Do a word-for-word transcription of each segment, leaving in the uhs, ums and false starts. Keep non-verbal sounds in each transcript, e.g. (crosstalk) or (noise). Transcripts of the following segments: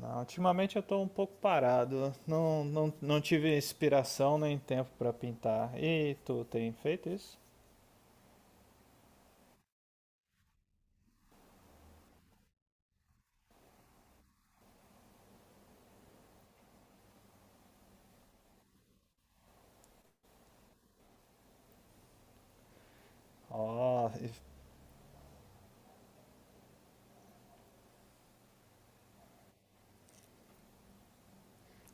Não, ultimamente eu tô um pouco parado. Não, não, não tive inspiração nem tempo para pintar. E tu tem feito isso? Ó, e-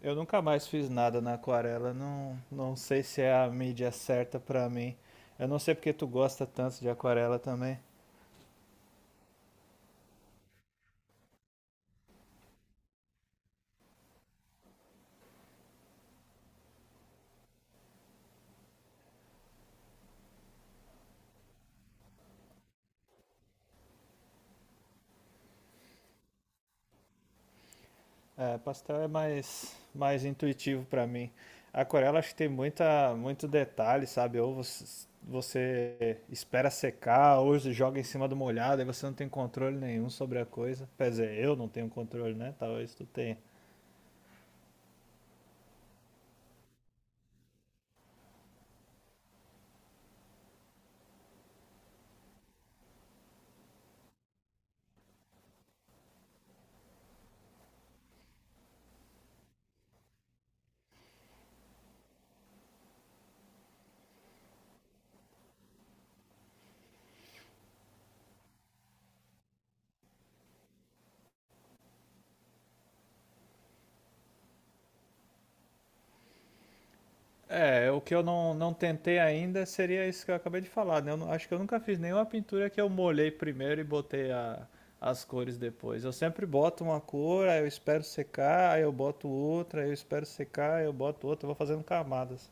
eu nunca mais fiz nada na aquarela. Não, não sei se é a mídia certa para mim. Eu não sei porque tu gosta tanto de aquarela também. É, pastel é mais, mais intuitivo para mim. Aquarela acho que tem muita, muito detalhe, sabe? Ou você, você espera secar, ou você joga em cima do molhado, aí você não tem controle nenhum sobre a coisa. Quer dizer, eu não tenho controle, né? Talvez tu tenha. É, o que eu não, não tentei ainda seria isso que eu acabei de falar, né? Eu não- acho que eu nunca fiz nenhuma pintura que eu molhei primeiro e botei a- as cores depois. Eu sempre boto uma cor, aí eu espero secar, aí eu boto outra, aí eu espero secar, aí eu boto outra, eu vou fazendo camadas.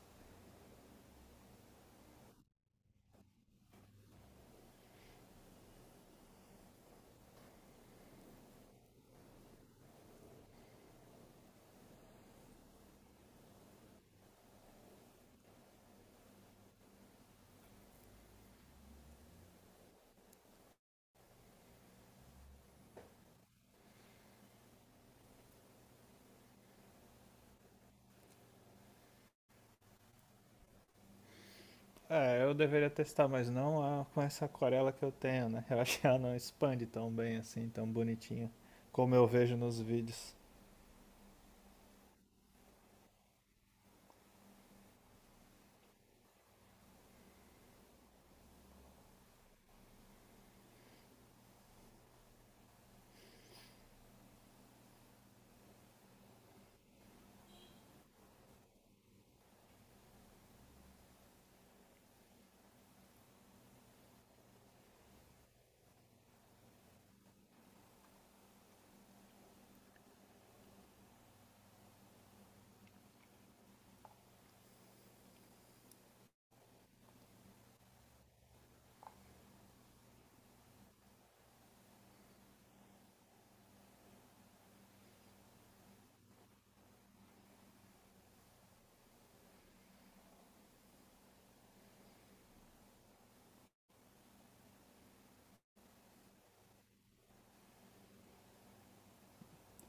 É, eu deveria testar, mas não a- com essa aquarela que eu tenho, né? (laughs) Eu acho que ela não expande tão bem assim, tão bonitinha, como eu vejo nos vídeos.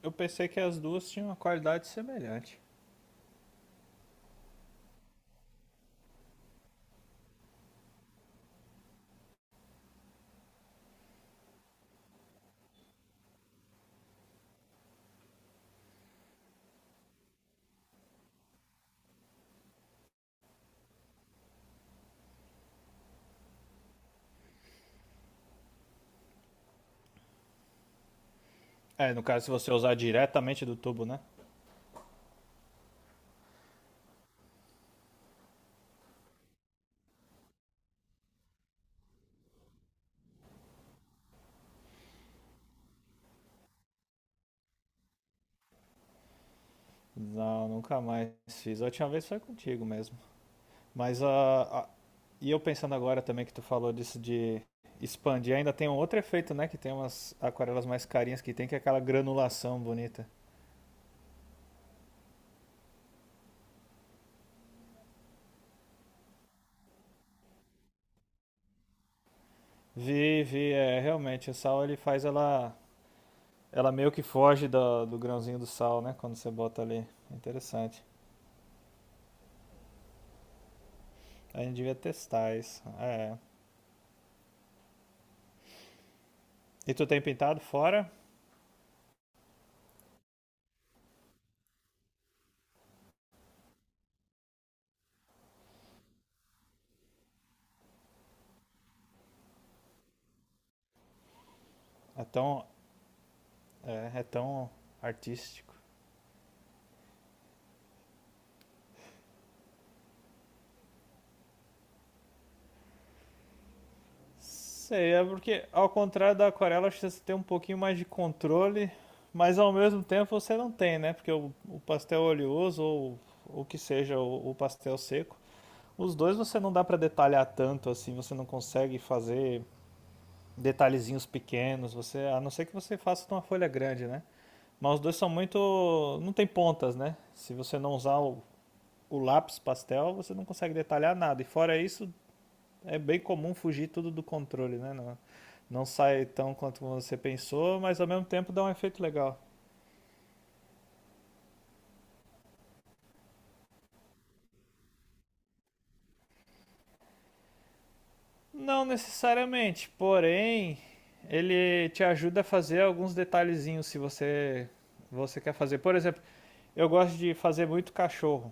Eu pensei que as duas tinham uma qualidade semelhante. É, no caso, se você usar diretamente do tubo, né? Não, nunca mais fiz. A última vez foi contigo mesmo. Mas a, a- e eu pensando agora também que tu falou disso de expandir, ainda tem um outro efeito, né? Que tem umas aquarelas mais carinhas que tem, que é aquela granulação bonita. Vi, vi, é, realmente, o sal ele faz ela, ela meio que foge do, do grãozinho do sal, né? Quando você bota ali. Interessante. A gente devia testar isso. É. E tu tem pintado fora? É tão, é, é tão artístico. Sei, é porque ao contrário da aquarela, acho que você tem um pouquinho mais de controle, mas ao mesmo tempo você não tem, né? Porque o, o pastel oleoso ou o que seja, o, o pastel seco, os dois você não dá para detalhar tanto assim, você não consegue fazer detalhezinhos pequenos, você, a não ser que você faça de uma folha grande, né? Mas os dois são muito, não tem pontas, né? Se você não usar o, o lápis pastel, você não consegue detalhar nada. E fora isso, é bem comum fugir tudo do controle, né? Não, não sai tão quanto você pensou, mas ao mesmo tempo dá um efeito legal. Não necessariamente, porém, ele te ajuda a fazer alguns detalhezinhos se você você quer fazer. Por exemplo, eu gosto de fazer muito cachorro.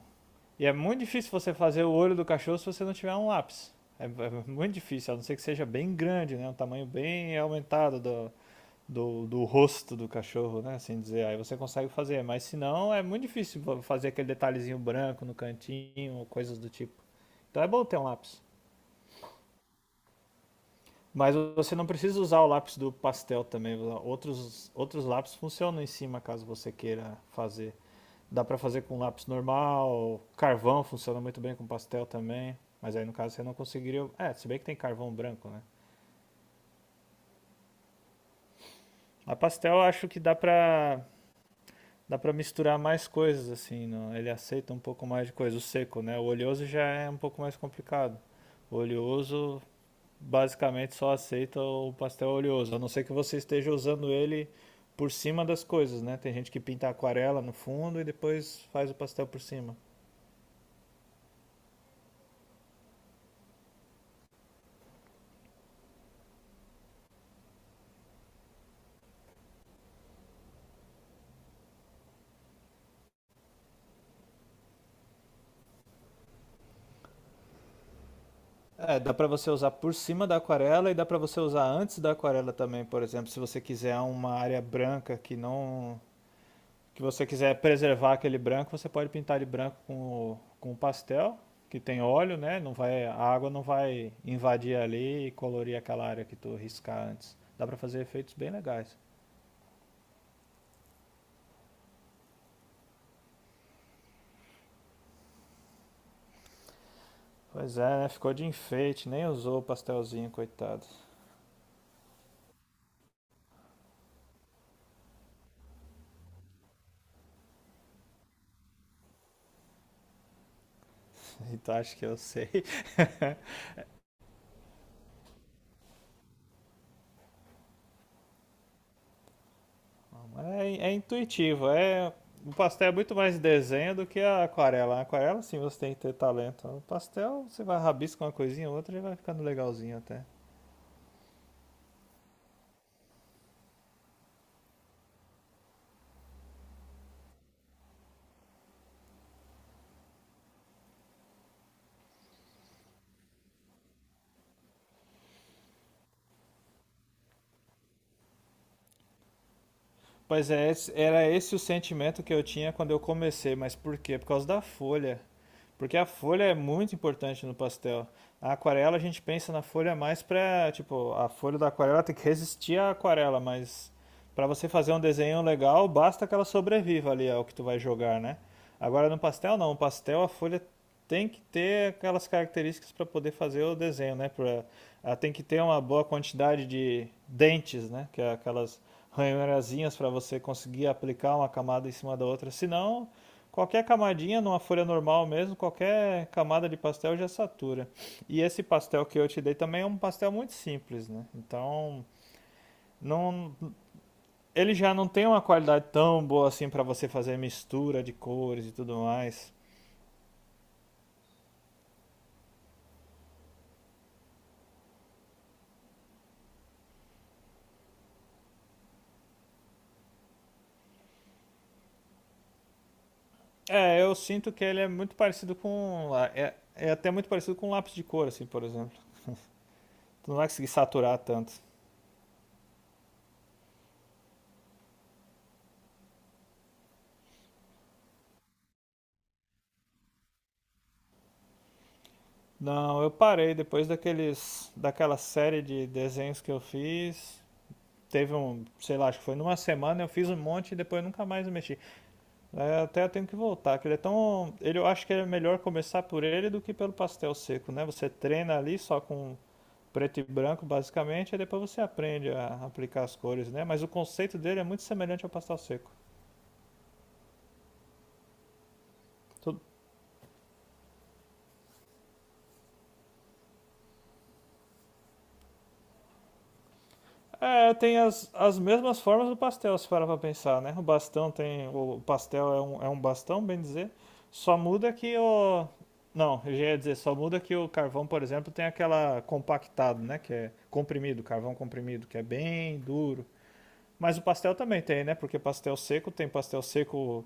E é muito difícil você fazer o olho do cachorro se você não tiver um lápis. É, é muito difícil, a não ser que seja bem grande, né? Um tamanho bem aumentado do, do, do rosto do cachorro, né? Assim dizer, aí você consegue fazer, mas se não é muito difícil fazer aquele detalhezinho branco no cantinho, coisas do tipo. Então é bom ter um lápis. Mas você não precisa usar o lápis do pastel também. Outros, outros lápis funcionam em cima caso você queira fazer. Dá para fazer com lápis normal, carvão funciona muito bem com pastel também. Mas aí no caso você não conseguiria. É, se bem que tem carvão branco, né? A pastel eu acho que dá pra dá para misturar mais coisas assim, não? Ele aceita um pouco mais de coisa, o seco, né? O oleoso já é um pouco mais complicado. O oleoso basicamente só aceita o pastel oleoso, a não ser que você esteja usando ele por cima das coisas, né? Tem gente que pinta aquarela no fundo e depois faz o pastel por cima. É, dá para você usar por cima da aquarela e dá para você usar antes da aquarela também, por exemplo, se você quiser uma área branca que não que você quiser preservar aquele branco, você pode pintar ele branco com, com pastel, que tem óleo, né? Não vai, a água não vai invadir ali e colorir aquela área que tu riscar antes. Dá pra fazer efeitos bem legais. Pois é, né? Ficou de enfeite, nem usou o pastelzinho, coitado. (laughs) Então acho que eu sei. (laughs) É, é intuitivo, é... O pastel é muito mais desenho do que a aquarela. A aquarela, sim, você tem que ter talento. O pastel, você vai rabiscar uma coisinha ou outra e vai ficando legalzinho até. Pois é, esse- era esse o sentimento que eu tinha quando eu comecei, mas por quê? Por causa da folha. Porque a folha é muito importante no pastel. Na aquarela a gente pensa na folha mais pra, tipo, a folha da aquarela tem que resistir à aquarela, mas pra você fazer um desenho legal, basta que ela sobreviva ali ao que tu vai jogar, né? Agora no pastel não, no pastel a folha tem que ter aquelas características para poder fazer o desenho, né? Pra, ela tem que ter uma boa quantidade de dentes, né? Que é aquelas ranhurazinhas para você conseguir aplicar uma camada em cima da outra. Se não, qualquer camadinha numa folha normal mesmo, qualquer camada de pastel já satura. E esse pastel que eu te dei também é um pastel muito simples, né? Então, não, ele já não tem uma qualidade tão boa assim para você fazer mistura de cores e tudo mais. É, eu sinto que ele é muito parecido com é, é até muito parecido com um lápis de cor assim, por exemplo. Tu não vai conseguir saturar tanto. Não, eu parei depois daqueles, daquela série de desenhos que eu fiz. Teve um, sei lá, acho que foi numa semana, eu fiz um monte e depois nunca mais mexi. É, até eu tenho que voltar, que ele é tão, ele, eu acho que é melhor começar por ele do que pelo pastel seco, né? Você treina ali só com preto e branco, basicamente, e depois você aprende a aplicar as cores, né? Mas o conceito dele é muito semelhante ao pastel seco. Tu- É, tem as, as mesmas formas do pastel, se parar pra pensar, né? O bastão tem. O pastel é um, é um bastão, bem dizer. Só muda que o. Não, eu já ia dizer, só muda que o carvão, por exemplo, tem aquela compactado, né? Que é comprimido, carvão comprimido, que é bem duro. Mas o pastel também tem, né? Porque pastel seco tem pastel seco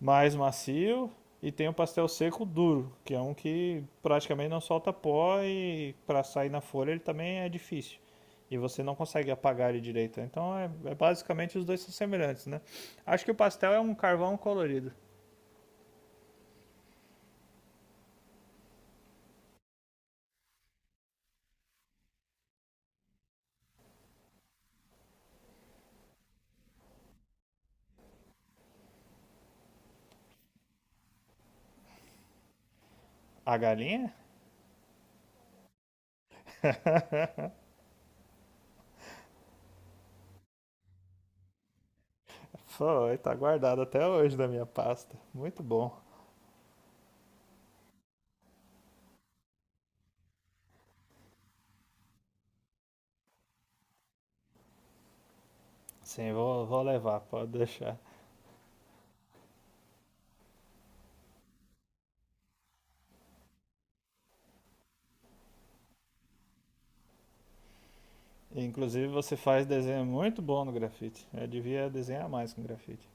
mais macio e tem o pastel seco duro, que é um que praticamente não solta pó e para sair na folha ele também é difícil. E você não consegue apagar ele direito. Então é, é basicamente os dois são semelhantes, né? Acho que o pastel é um carvão colorido. A galinha? Foi, tá guardada até hoje da minha pasta. Muito bom. Sim, vou, vou levar, pode deixar. Inclusive você faz desenho muito bom no grafite. Eu devia desenhar mais com grafite.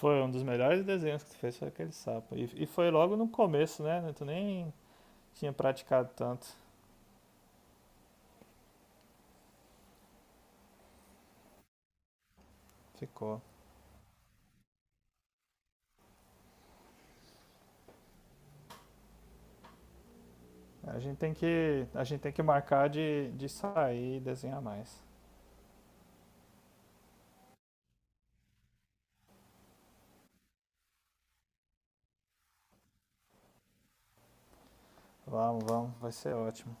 Foi um dos melhores desenhos que tu fez, foi aquele sapo. E, e foi logo no começo, né? Tu nem tinha praticado tanto. Ficou. A gente tem que, a gente tem que marcar de, de sair e desenhar mais. Vamos, vamos, vai ser ótimo.